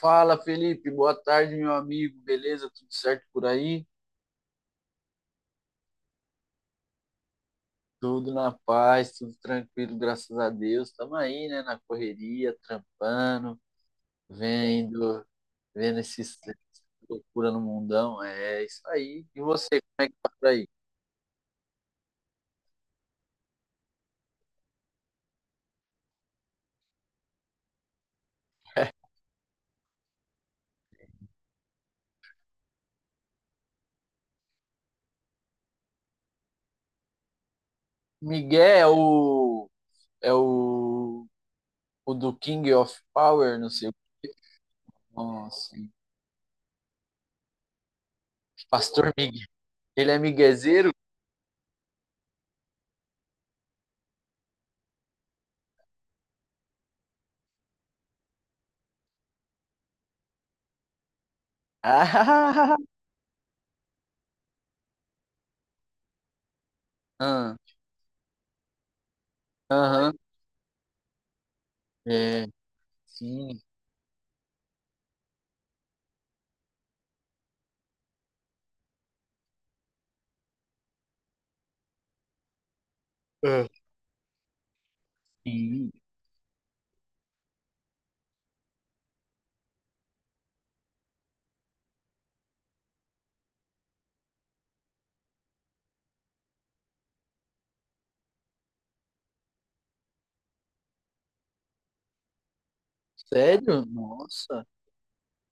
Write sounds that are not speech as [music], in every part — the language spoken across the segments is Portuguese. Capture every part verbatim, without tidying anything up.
Fala, Felipe. Boa tarde, meu amigo. Beleza? Tudo certo por aí? Tudo na paz, tudo tranquilo, graças a Deus. Estamos aí, né, na correria, trampando, vendo, vendo esses essa loucura no mundão. É isso aí. E você, como é que tá por aí? Miguel é o, é o, o do King of Power, não sei como assim. Pastor Miguel. Ele é miguezeiro? [laughs] Ah, aham. É, sim. É. Sim. Sério? Nossa.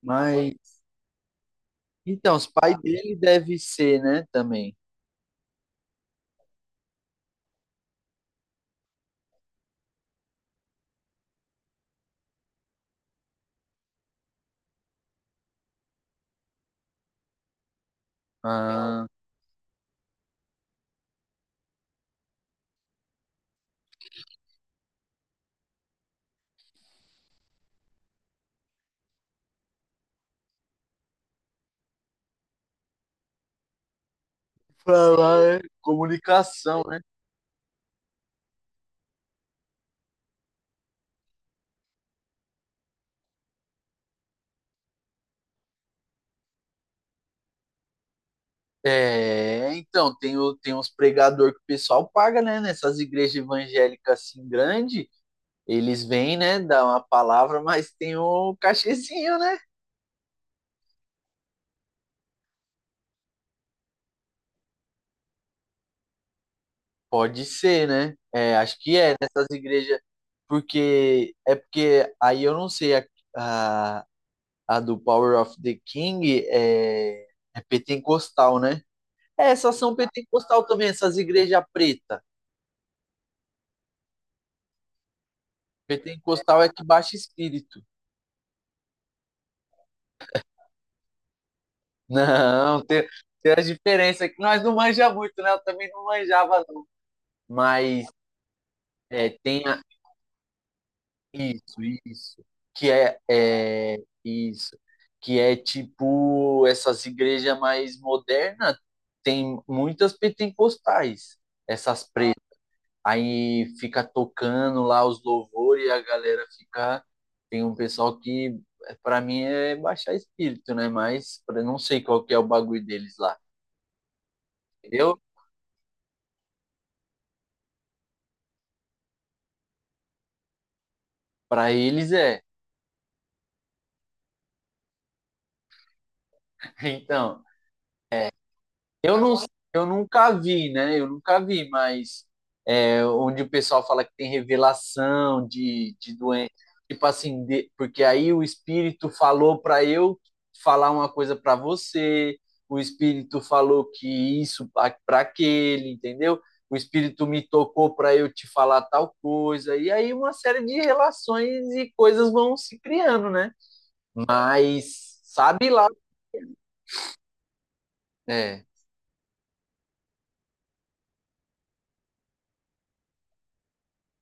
Mas então, os pais dele devem ser, né, também. Ah, falar é comunicação, né? É, então, tem, o, tem uns pregador que o pessoal paga, né, nessas igrejas evangélicas assim grande, eles vêm, né, dar uma palavra, mas tem o cachezinho, né? Pode ser, né? É, acho que é nessas igrejas, porque é porque aí eu não sei a- a do Power of the King é, é pentecostal, né? É, essas são pentecostal também, essas igrejas preta. Pentecostal é que baixa espírito. [laughs] Não, tem, tem a diferença que nós não manja muito, né? Eu também não manjava, não. Mas é, tem a- isso, isso, que é, é isso, que é tipo essas igrejas mais modernas tem muitas pentecostais, essas. Aí fica tocando lá os louvores e a galera fica. Tem um pessoal que, para mim, é baixar espírito, né? Mas pra- não sei qual que é o bagulho deles lá, entendeu? Para eles é. [laughs] Então, eu não, eu nunca vi, né? Eu nunca vi, mas onde o pessoal fala que tem revelação de, de doença. Tipo assim, de, porque aí o espírito falou para eu falar uma coisa para você, o espírito falou que isso para aquele, entendeu? O espírito me tocou para eu te falar tal coisa. E aí uma série de relações e coisas vão se criando, né? Mas sabe lá. É,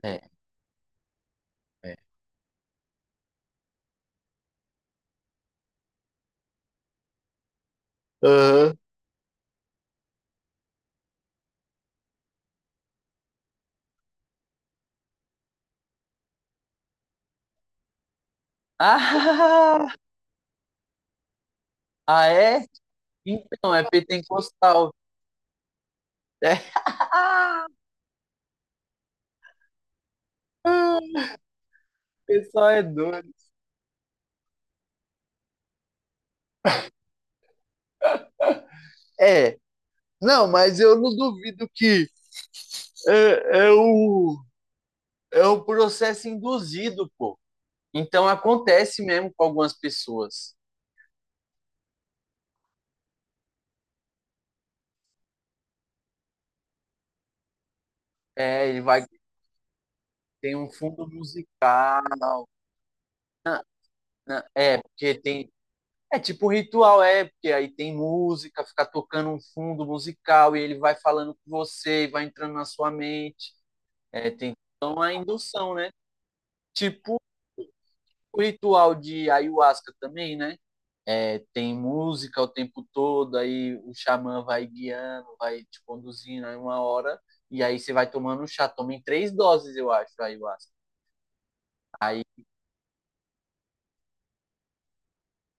é, é. Aham. [laughs] Ah, ah é? Então, é pentecostal. É. [laughs] Ah. O pessoal é doido. É, não, mas eu não duvido que é, é, o, é o processo induzido, pô. Então acontece mesmo com algumas pessoas. É, ele vai tem um fundo musical, né? É, porque tem. É tipo um ritual, é, porque aí tem música, fica tocando um fundo musical e ele vai falando com você e vai entrando na sua mente. É, tem então a indução, né? Tipo o ritual de ayahuasca também, né? É, tem música o tempo todo, aí o xamã vai guiando, vai te conduzindo aí uma hora, e aí você vai tomando um chá, toma em três doses, eu acho, aí ayahuasca. Aí,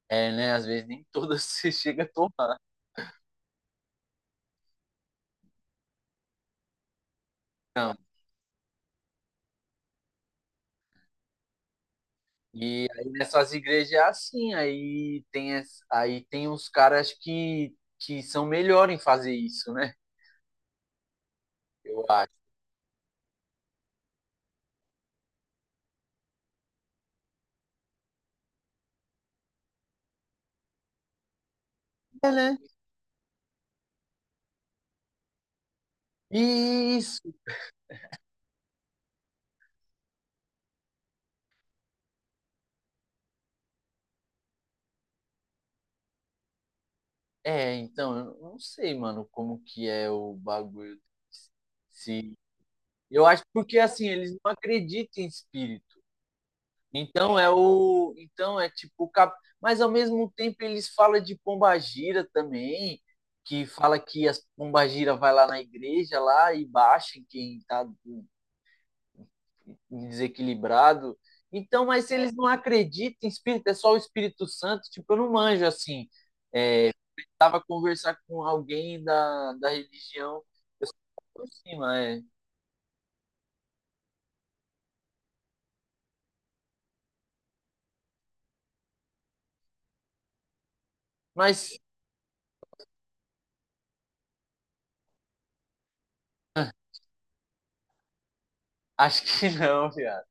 é, né, às vezes nem todas [laughs] você chega a tomar. Não. E aí nessas igrejas é assim, aí tem, as- aí tem uns caras que, que são melhores em fazer isso, né? Eu acho. É, né? Isso. É, então, eu não sei, mano, como que é o bagulho. Se Eu acho porque assim, eles não acreditam em espírito. Então é o, então é tipo, cap- mas ao mesmo tempo eles falam de pombagira também, que fala que as pombagira vai lá na igreja lá e baixa em quem está desequilibrado. Então, mas se eles não acreditam em espírito, é só o Espírito Santo, tipo, eu não manjo assim. Tava a conversar com alguém da, da religião, eu só falo por cima, é. Mas [laughs] acho que não, viado.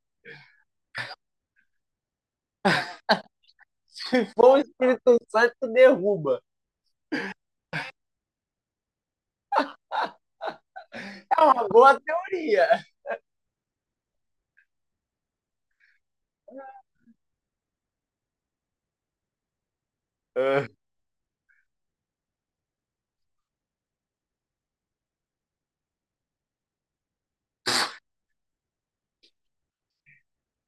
Bom, o Espírito Santo derruba. É uma boa teoria. É.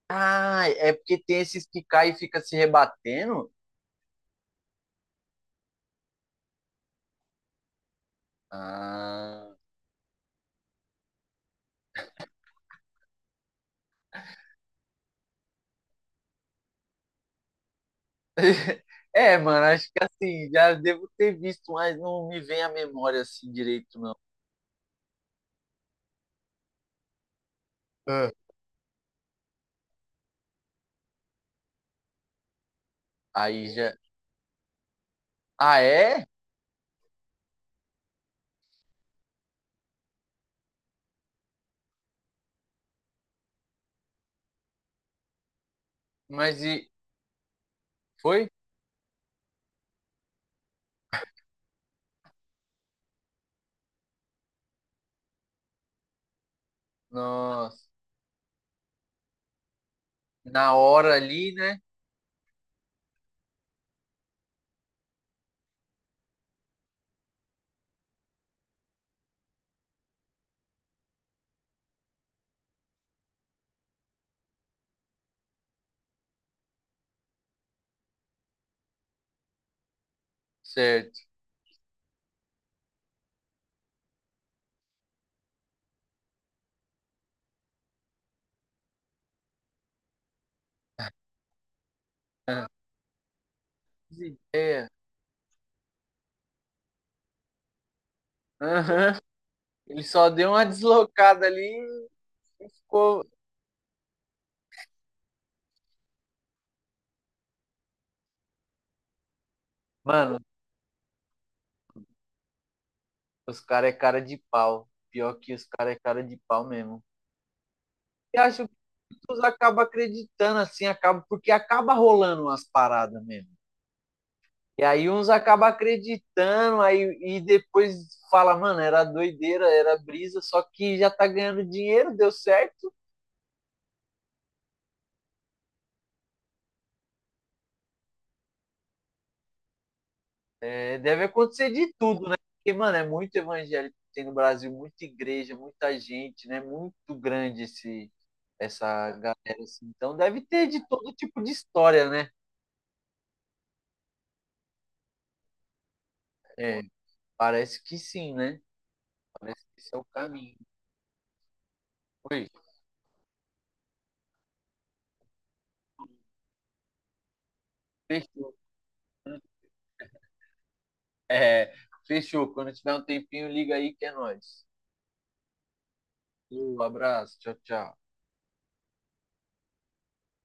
Ah, é porque tem esses que caem e fica se rebatendo? Ah. [laughs] É, mano, acho que assim, já devo ter visto, mas não me vem à memória assim direito, não. Ah. Aí já. Ah, é? Mas e. Foi? Nossa. Na hora ali, né? Certo. Ah, ideia. Aham. Ele só deu uma deslocada ali e ficou. Mano, os caras é cara de pau. Pior que os caras é cara de pau mesmo. E acho que uns acabam acreditando, assim, acaba, porque acaba rolando umas paradas mesmo. E aí uns acabam acreditando, aí e depois fala, mano, era doideira, era brisa, só que já tá ganhando dinheiro, deu certo. É, deve acontecer de tudo, né? Porque, mano, é muito evangélico tem no Brasil, muita igreja, muita gente, né? Muito grande esse, essa galera, assim. Então deve ter de todo tipo de história, né? É, parece que sim, né? Parece que esse é o caminho. Oi, fechou. É, fechou. Quando tiver um tempinho, liga aí que é nóis. Um abraço, tchau, tchau.